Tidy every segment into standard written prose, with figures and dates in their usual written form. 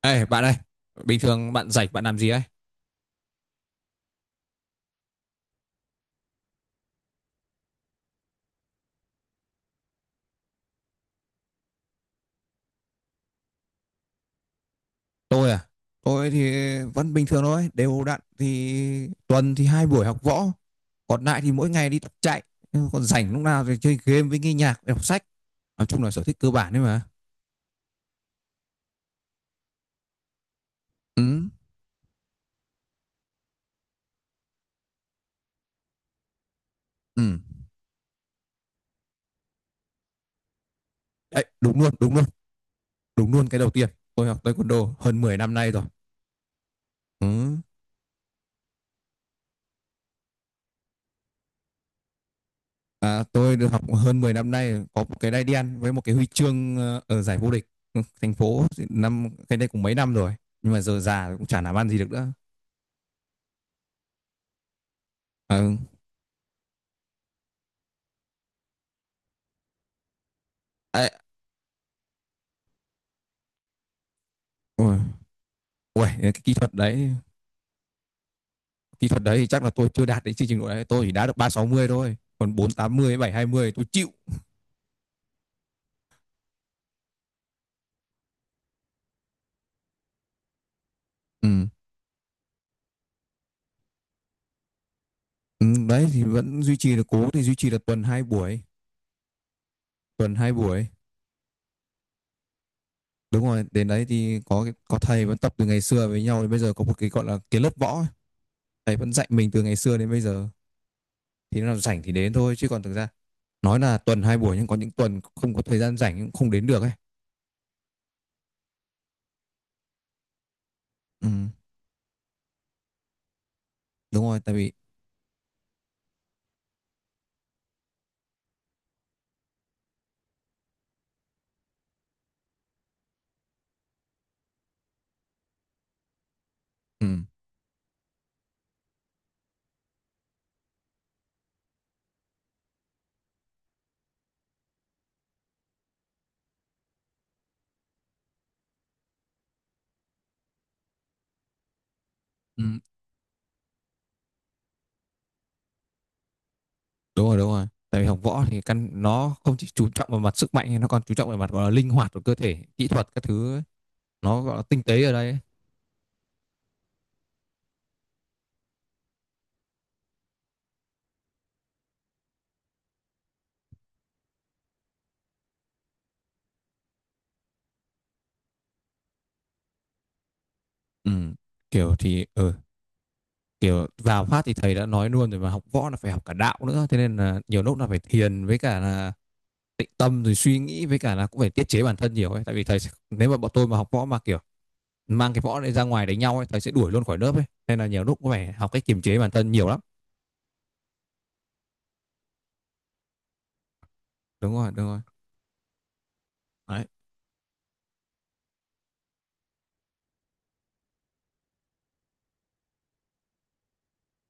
Ê, bạn ơi, bình thường bạn rảnh bạn làm gì ấy? Tôi à? Tôi thì vẫn bình thường thôi, đều đặn thì tuần thì 2 buổi học võ, còn lại thì mỗi ngày đi tập chạy, còn rảnh lúc nào thì chơi game với nghe nhạc, đọc sách. Nói chung là sở thích cơ bản đấy mà. Ừ, ừ. Đấy, đúng luôn, đúng luôn, đúng luôn cái đầu tiên. Tôi học taekwondo hơn 10 năm nay rồi. Ừ. À, tôi được học hơn 10 năm nay, có một cái đai đen với một cái huy chương ở giải vô địch thành phố thì năm cái đây cũng mấy năm rồi, nhưng mà giờ già cũng chả làm ăn gì được nữa. Ừ. Ê, ôi, ôi, cái kỹ thuật đấy thì chắc là tôi chưa đạt đến chương trình độ đấy, tôi chỉ đá được 360 thôi, còn 480, 720 tôi chịu. Ừ. Ừ, đấy thì vẫn duy trì được, cố thì duy trì được tuần 2 buổi, tuần hai buổi. Đúng rồi, đến đấy thì có thầy vẫn tập từ ngày xưa với nhau đến bây giờ, có một cái gọi là cái lớp võ, ấy. Thầy vẫn dạy mình từ ngày xưa đến bây giờ. Thì nó nào rảnh thì đến thôi, chứ còn thực ra nói là tuần 2 buổi nhưng có những tuần không có thời gian rảnh cũng không đến được ấy. Ừ, đúng rồi, tại vì ừ. Ừ. Đúng rồi, đúng rồi, tại vì học võ thì căn nó không chỉ chú trọng vào mặt sức mạnh, nó còn chú trọng vào mặt gọi là linh hoạt của cơ thể, kỹ thuật các thứ ấy. Nó gọi là tinh tế ở đây ấy. Ừ. Kiểu thì ừ. Kiểu vào phát thì thầy đã nói luôn rồi, mà học võ là phải học cả đạo nữa, thế nên là nhiều lúc là phải thiền với cả là tịnh tâm, rồi suy nghĩ với cả là cũng phải tiết chế bản thân nhiều ấy. Tại vì nếu mà bọn tôi mà học võ mà kiểu mang cái võ này ra ngoài đánh nhau ấy, thầy sẽ đuổi luôn khỏi lớp ấy, nên là nhiều lúc cũng phải học cách kiềm chế bản thân nhiều lắm. Đúng rồi, đúng rồi. Đấy.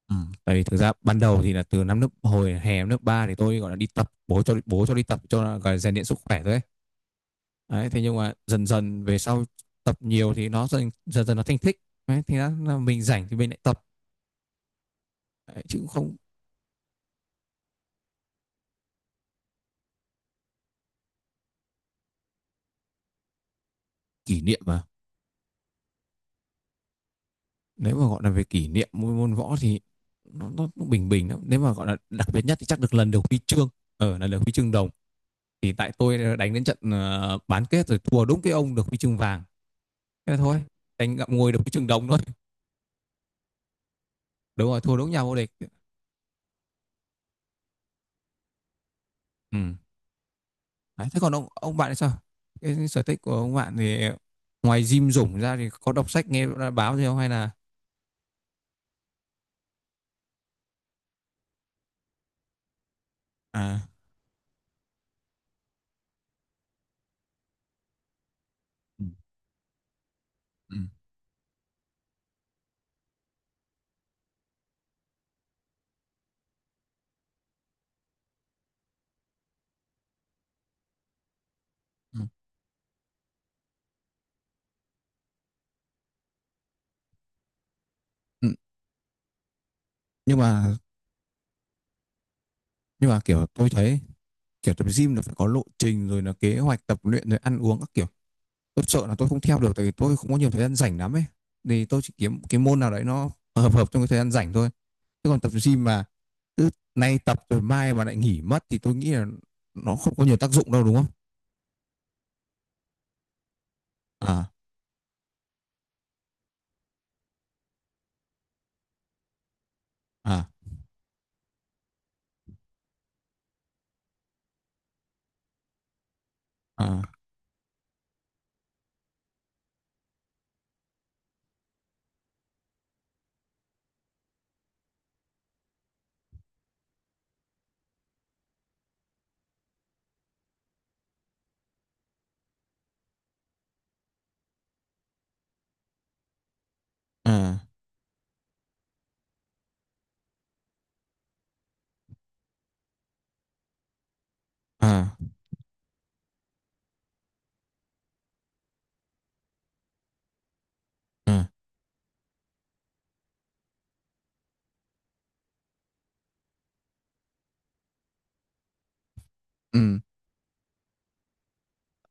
Ừ. Tại vì thực ra ban đầu thì là từ năm lớp hồi hè năm lớp 3, thì tôi gọi là đi tập, bố cho đi tập, cho là gọi là rèn luyện sức khỏe thôi ấy. Đấy, thế nhưng mà dần dần về sau tập nhiều thì nó dần dần, dần nó thành thích. Đấy, thì nó, là mình rảnh thì mình lại tập, đấy, chứ cũng không. Kỷ niệm mà nếu mà gọi là về kỷ niệm môn võ thì nó cũng bình bình lắm. Nếu mà gọi là đặc biệt nhất thì chắc được lần được huy chương, ở là được huy chương đồng, thì tại tôi đánh đến trận bán kết rồi thua đúng cái ông được huy chương vàng, thế là thôi, đánh ngậm ngùi được huy chương đồng thôi. Đúng rồi, thua đúng nhà vô địch. Ừ. Đấy, thế còn ông bạn thì sao? Cái sở thích của ông bạn thì ngoài gym rủng ra thì có đọc sách, nghe báo gì không, hay là à? Ừ, ừ, ừ. Ừ, nhưng mà nhưng mà kiểu tôi thấy kiểu tập gym là phải có lộ trình, rồi là kế hoạch tập luyện, rồi ăn uống các kiểu. Tôi sợ là tôi không theo được, tại vì tôi không có nhiều thời gian rảnh lắm ấy, thì tôi chỉ kiếm cái môn nào đấy nó hợp hợp trong cái thời gian rảnh thôi, chứ còn tập gym mà cứ nay tập rồi mai mà lại nghỉ mất thì tôi nghĩ là nó không có nhiều tác dụng đâu, đúng không? À, à, à, à. À, à, ừ.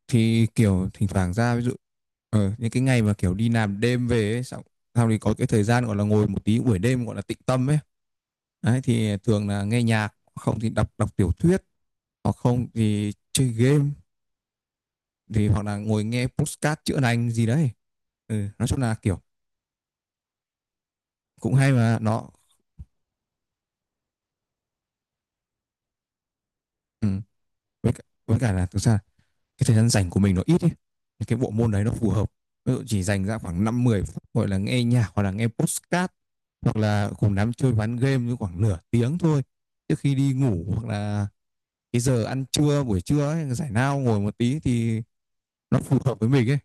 Thì kiểu thỉnh thoảng ra ví dụ những cái ngày mà kiểu đi làm đêm về ấy, xong sau thì có cái thời gian gọi là ngồi một tí buổi đêm gọi là tịnh tâm ấy. Đấy thì thường là nghe nhạc, không thì đọc đọc tiểu thuyết, hoặc không thì chơi game, thì hoặc là ngồi nghe podcast chữa lành gì đấy. Ừ, nói chung là kiểu cũng hay mà nó ừ. Với cả là thực ra cái thời gian rảnh của mình nó ít ấy. Thì cái bộ môn đấy nó phù hợp, ví dụ chỉ dành ra khoảng 5-10 phút gọi là nghe nhạc hoặc là nghe podcast, hoặc là cùng đám chơi ván game như khoảng nửa tiếng thôi trước khi đi ngủ, hoặc là cái giờ ăn trưa buổi trưa ấy, giải lao ngồi một tí thì nó phù hợp với mình ấy,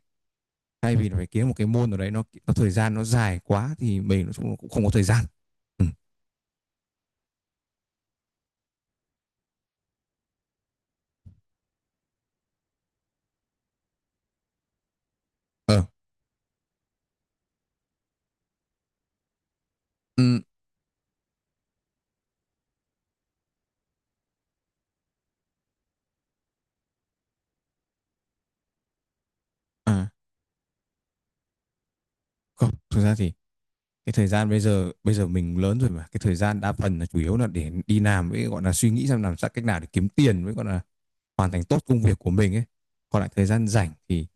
thay vì là phải kiếm một cái môn nào đấy nó thời gian nó dài quá thì mình nó cũng không có thời gian. Ừ. Ờ ừ. À, không, thực ra thì cái thời gian bây giờ, bây giờ mình lớn rồi mà cái thời gian đa phần là chủ yếu là để đi làm, với gọi là suy nghĩ xem làm sao cách nào để kiếm tiền, với gọi là hoàn thành tốt công việc của mình ấy. Còn lại thời gian rảnh thì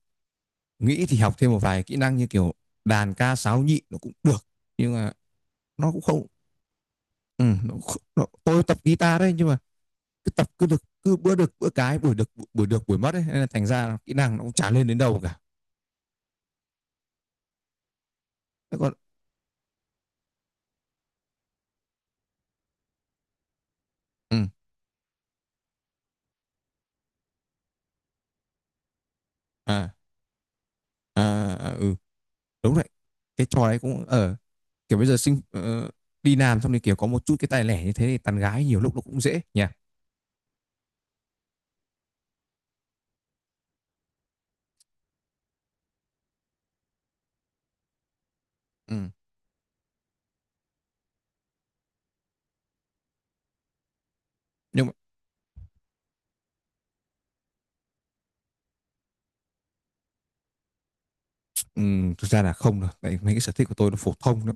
nghĩ thì học thêm một vài kỹ năng như kiểu đàn ca sáo nhị nó cũng được, nhưng mà nó cũng không. Ừ, nó, tôi tập guitar đấy, nhưng mà cứ tập cứ được, cứ bữa được bữa, cái buổi được buổi được buổi mất ấy, nên là thành ra kỹ năng nó cũng chả lên đến đâu cả. Thế còn ừ, à. À, à, ừ. Đúng đấy, cái trò đấy cũng ở kiểu bây giờ đi làm xong thì kiểu có một chút cái tài lẻ như thế thì tán gái nhiều lúc nó cũng dễ nha. Ừ. Nhưng mà ừ, thực ra là không đâu, tại mấy cái sở thích của tôi nó phổ thông lắm,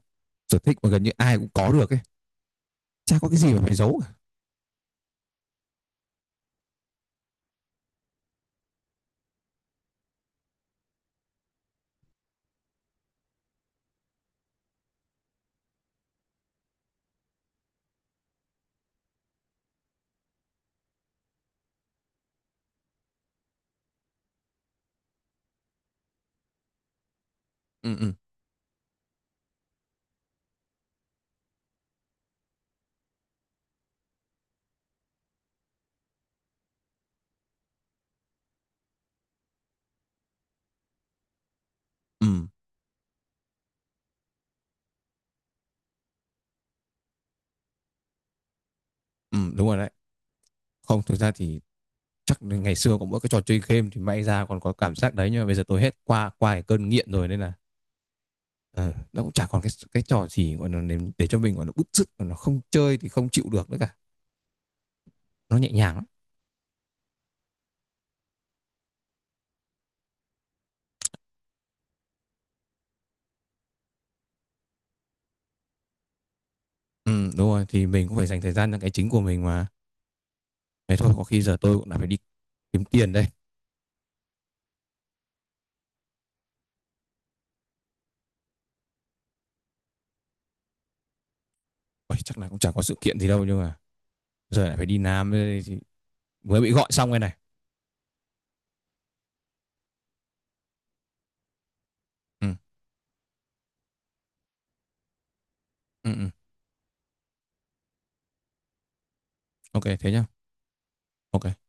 sở thích mà gần như ai cũng có được ấy, chả có cái gì mà phải giấu cả. Ừ, ừ, ừ, ừ, đúng rồi đấy. Không, thực ra thì chắc là ngày xưa có mỗi cái trò chơi game thì may ra còn có cảm giác đấy, nhưng mà bây giờ tôi hết, qua qua cái cơn nghiện rồi, nên là ờ, nó cũng chả còn cái trò gì gọi là để cho mình gọi là bứt rứt mà nó không chơi thì không chịu được nữa cả. Nó nhẹ nhàng lắm. Ừ, đúng rồi, thì mình cũng phải dành thời gian cho cái chính của mình mà, thế thôi, có khi giờ tôi cũng đã phải đi kiếm tiền đây. Ôi, chắc là cũng chẳng có sự kiện gì đâu, nhưng mà giờ lại phải đi Nam đây thì mới bị gọi xong cái này. Ừ, ừ, ừ. OK thế nhá. OK.